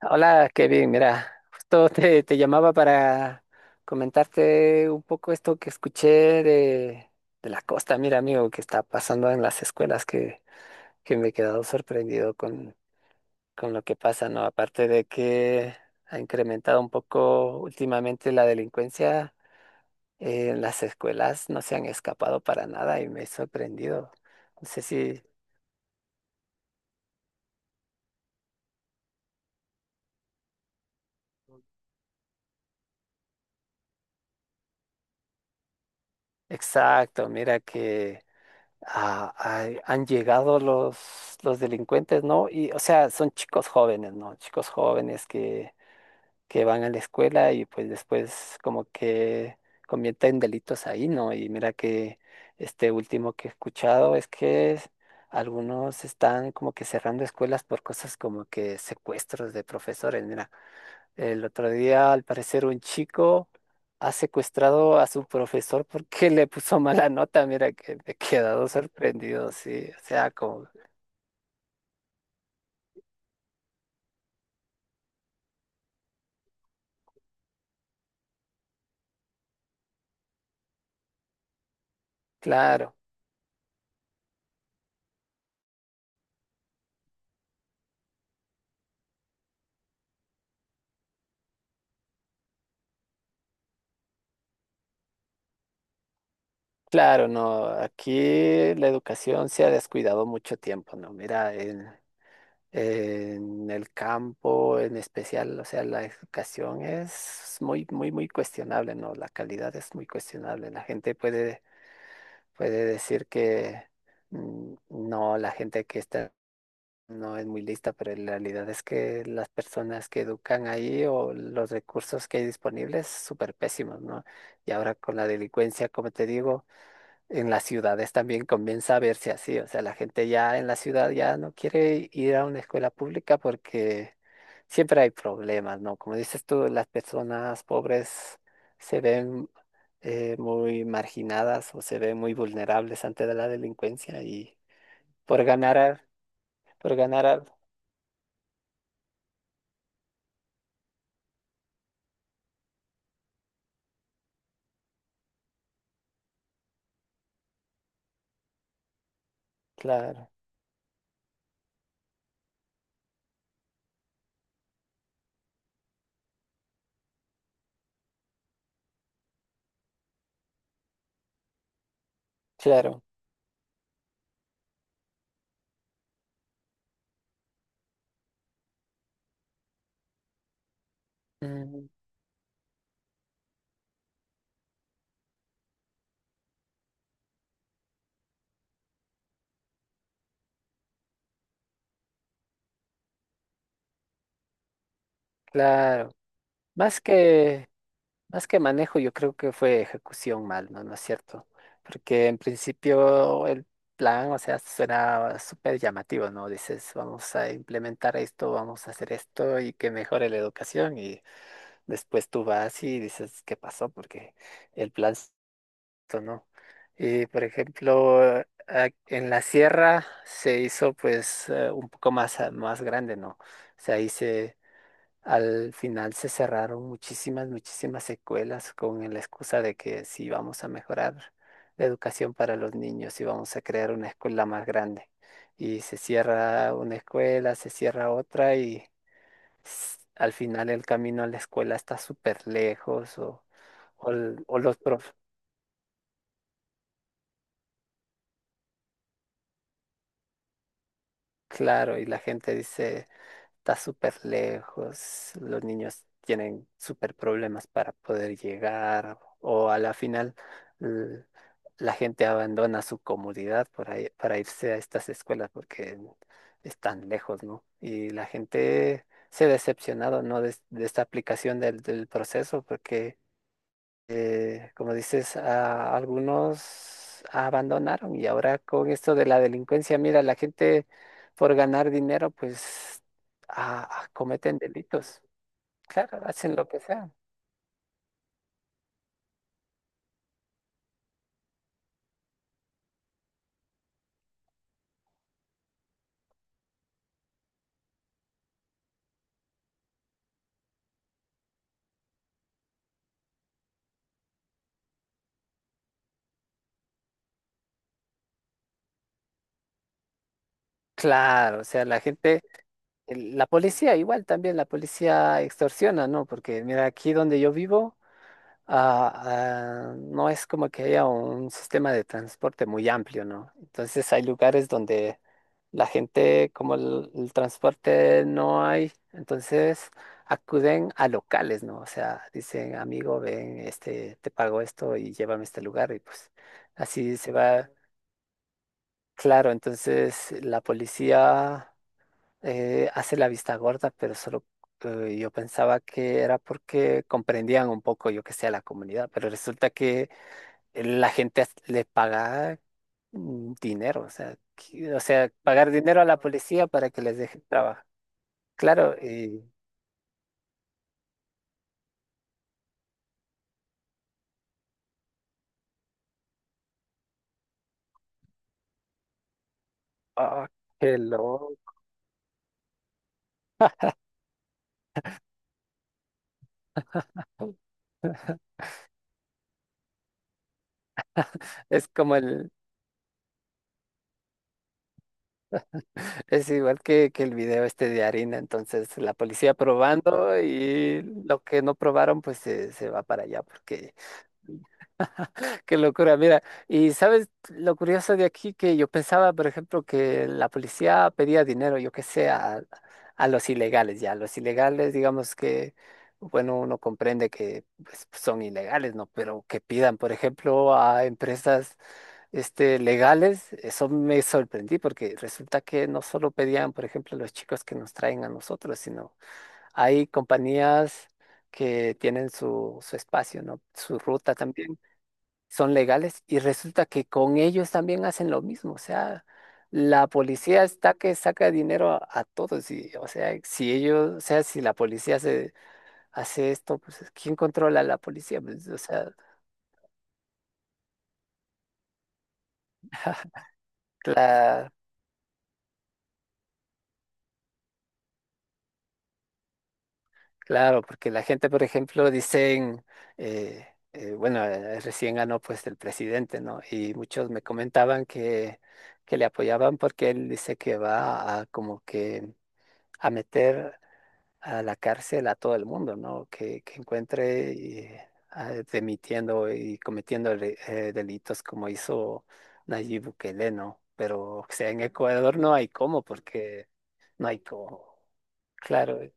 Hola, Kevin. Mira, justo te llamaba para comentarte un poco esto que escuché de, de la costa. Mira, amigo, que está pasando en las escuelas, que me he quedado sorprendido con lo que pasa, ¿no? Aparte de que ha incrementado un poco últimamente la delincuencia, en las escuelas no se han escapado para nada y me he sorprendido. No sé si... Exacto, mira que... han llegado los delincuentes, ¿no? Y, o sea, son chicos jóvenes, ¿no? Chicos jóvenes que van a la escuela y pues después como que cometen delitos ahí, ¿no? Y mira que este último que he escuchado es que algunos están como que cerrando escuelas por cosas como que secuestros de profesores, mira. El otro día, al parecer, un chico ha secuestrado a su profesor porque le puso mala nota. Mira que me he quedado sorprendido, sí. O sea, como, claro, claro, no. Aquí la educación se ha descuidado mucho tiempo, ¿no? Mira, en el campo en especial, o sea, la educación es muy, muy, muy cuestionable, ¿no? La calidad es muy cuestionable. Puede decir que... no, la gente que está no es muy lista, pero en realidad es que las personas que educan ahí o los recursos que hay disponibles, súper pésimos, ¿no? Y ahora con la delincuencia, como te digo, en las ciudades también comienza a verse así, o sea, la gente ya en la ciudad ya no quiere ir a una escuela pública porque siempre hay problemas, ¿no? Como dices tú, las personas pobres se ven muy marginadas o se ven muy vulnerables ante la delincuencia y por ganar, al- por ganar, al- claro. Claro, mm, claro. Más que, más que manejo, yo creo que fue ejecución mal, ¿no? ¿No es cierto? Porque en principio el plan, o sea, suena súper llamativo, ¿no? Dices, vamos a implementar esto, vamos a hacer esto y que mejore la educación. Y después tú vas y dices, ¿qué pasó? Porque el esto no. Y por ejemplo, en la sierra se hizo pues un poco más grande, ¿no? O sea, ahí se... Al final se cerraron muchísimas, muchísimas escuelas con la excusa de que sí vamos a mejorar la educación para los niños y vamos a crear una escuela más grande. Y se cierra una escuela, se cierra otra y al final el camino a la escuela está súper lejos o, l- o los prof, claro, y la gente dice... Está súper lejos, los niños tienen súper problemas para poder llegar o a la final l- la gente abandona su comunidad para irse a estas escuelas porque están lejos, ¿no? Y la gente se ha decepcionado, ¿no? De esta aplicación del proceso porque como dices, a algunos abandonaron y ahora con esto de la delincuencia, mira, la gente por ganar dinero, pues cometen delitos. Claro, hacen lo que sea. Claro, o sea, la gente, la policía igual también, la policía extorsiona, ¿no? Porque mira, aquí donde yo vivo, no es como que haya un sistema de transporte muy amplio, ¿no? Entonces hay lugares donde la gente, como el transporte no hay, entonces acuden a locales, ¿no? O sea, dicen, amigo, ven, este, te pago esto y llévame a este lugar y pues así se va. Claro, entonces la policía hace la vista gorda, pero solo yo pensaba que era porque comprendían un poco, yo que sé, a la comunidad, pero resulta que la gente le paga dinero, o sea, o sea, pagar dinero a la policía para que les deje trabajar. Claro, y ah, qué loco. Es como el, es igual que el video este de harina, entonces la policía probando y lo que no probaron pues se va para allá porque qué locura, mira, y sabes lo curioso de aquí que yo pensaba, por ejemplo, que la policía pedía dinero, yo qué sé, a los ilegales, ya, los ilegales, digamos que, bueno, uno comprende que pues, son ilegales, ¿no? Pero que pidan, por ejemplo, a empresas este, legales, eso me sorprendí porque resulta que no solo pedían, por ejemplo, los chicos que nos traen a nosotros, sino hay compañías que tienen su espacio, ¿no? Su ruta también son legales y resulta que con ellos también hacen lo mismo. O sea, la policía está que saca dinero a todos y, o sea, si ellos, o sea, si la policía hace esto, pues ¿quién controla a la policía? Pues, o sea, cla- claro, porque la gente, por ejemplo, dicen, eh, bueno, recién ganó pues el presidente, ¿no? Y muchos me comentaban que le apoyaban porque él dice que va a como que a meter a la cárcel a todo el mundo, ¿no? Que encuentre demitiendo y cometiendo delitos como hizo Nayib Bukele, ¿no? Pero, o sea, en Ecuador no hay cómo, porque no hay cómo. Claro,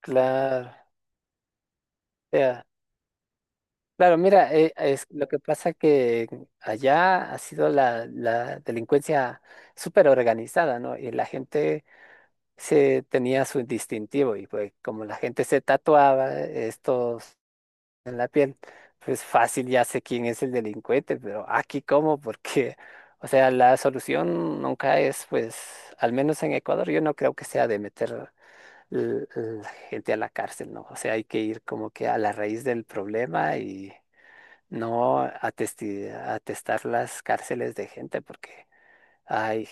claro. O sea, claro, mira, es, lo que pasa que allá ha sido la delincuencia súper organizada, ¿no? Y la gente se tenía su distintivo y pues como la gente se tatuaba estos en la piel, pues fácil ya sé quién es el delincuente, pero aquí cómo, porque, o sea, la solución nunca es, pues, al menos en Ecuador, yo no creo que sea de meter la gente a la cárcel, ¿no? O sea, hay que ir como que a la raíz del problema y no atestar las cárceles de gente, porque, ay,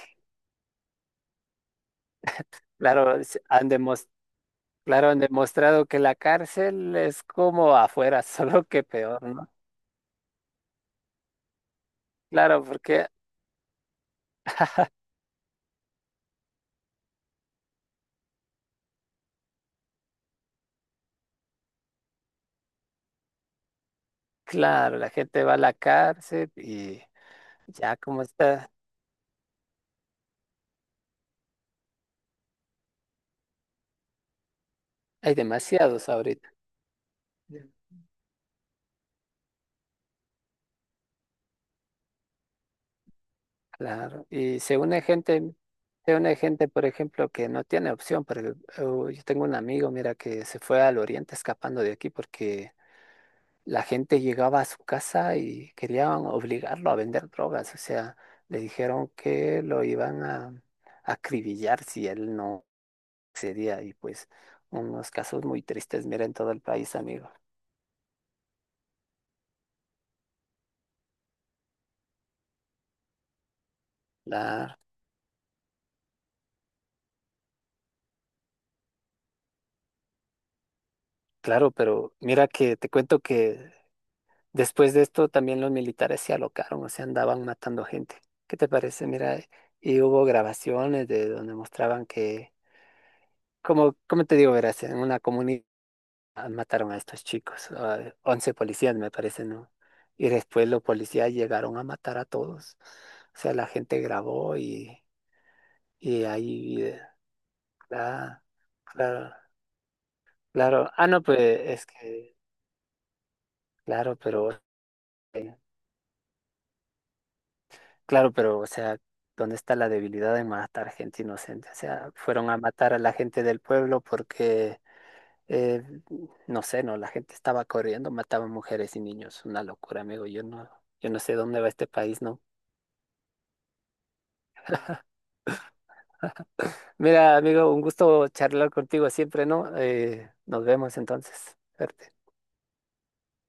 claro, han demostrado claro, han demostrado que la cárcel es como afuera, solo que peor, ¿no? Claro, porque, claro, la gente va a la cárcel y ya como está, hay demasiados ahorita, claro. Y se une gente, por ejemplo, que no tiene opción, porque yo tengo un amigo, mira, que se fue al oriente escapando de aquí porque la gente llegaba a su casa y querían obligarlo a vender drogas, o sea, le dijeron que lo iban a acribillar si él no sería y pues unos casos muy tristes, mira, en todo el país, amigo. La... Claro, pero mira que te cuento que después de esto también los militares se alocaron, o sea, andaban matando gente. ¿Qué te parece? Mira, y hubo grabaciones de donde mostraban que, como, como te digo, verás, en una comunidad mataron a estos chicos, a 11 policías me parece, ¿no? Y después los policías llegaron a matar a todos. O sea, la gente grabó y ahí, la- claro. Claro, no, pues es que, claro, pero, eh, claro, pero, o sea, ¿dónde está la debilidad de matar gente inocente? O sea, fueron a matar a la gente del pueblo porque, eh, no sé, no, la gente estaba corriendo, mataban mujeres y niños, una locura, amigo, yo no sé dónde va este país, ¿no? Mira, amigo, un gusto charlar contigo siempre, ¿no? Nos vemos entonces, suerte.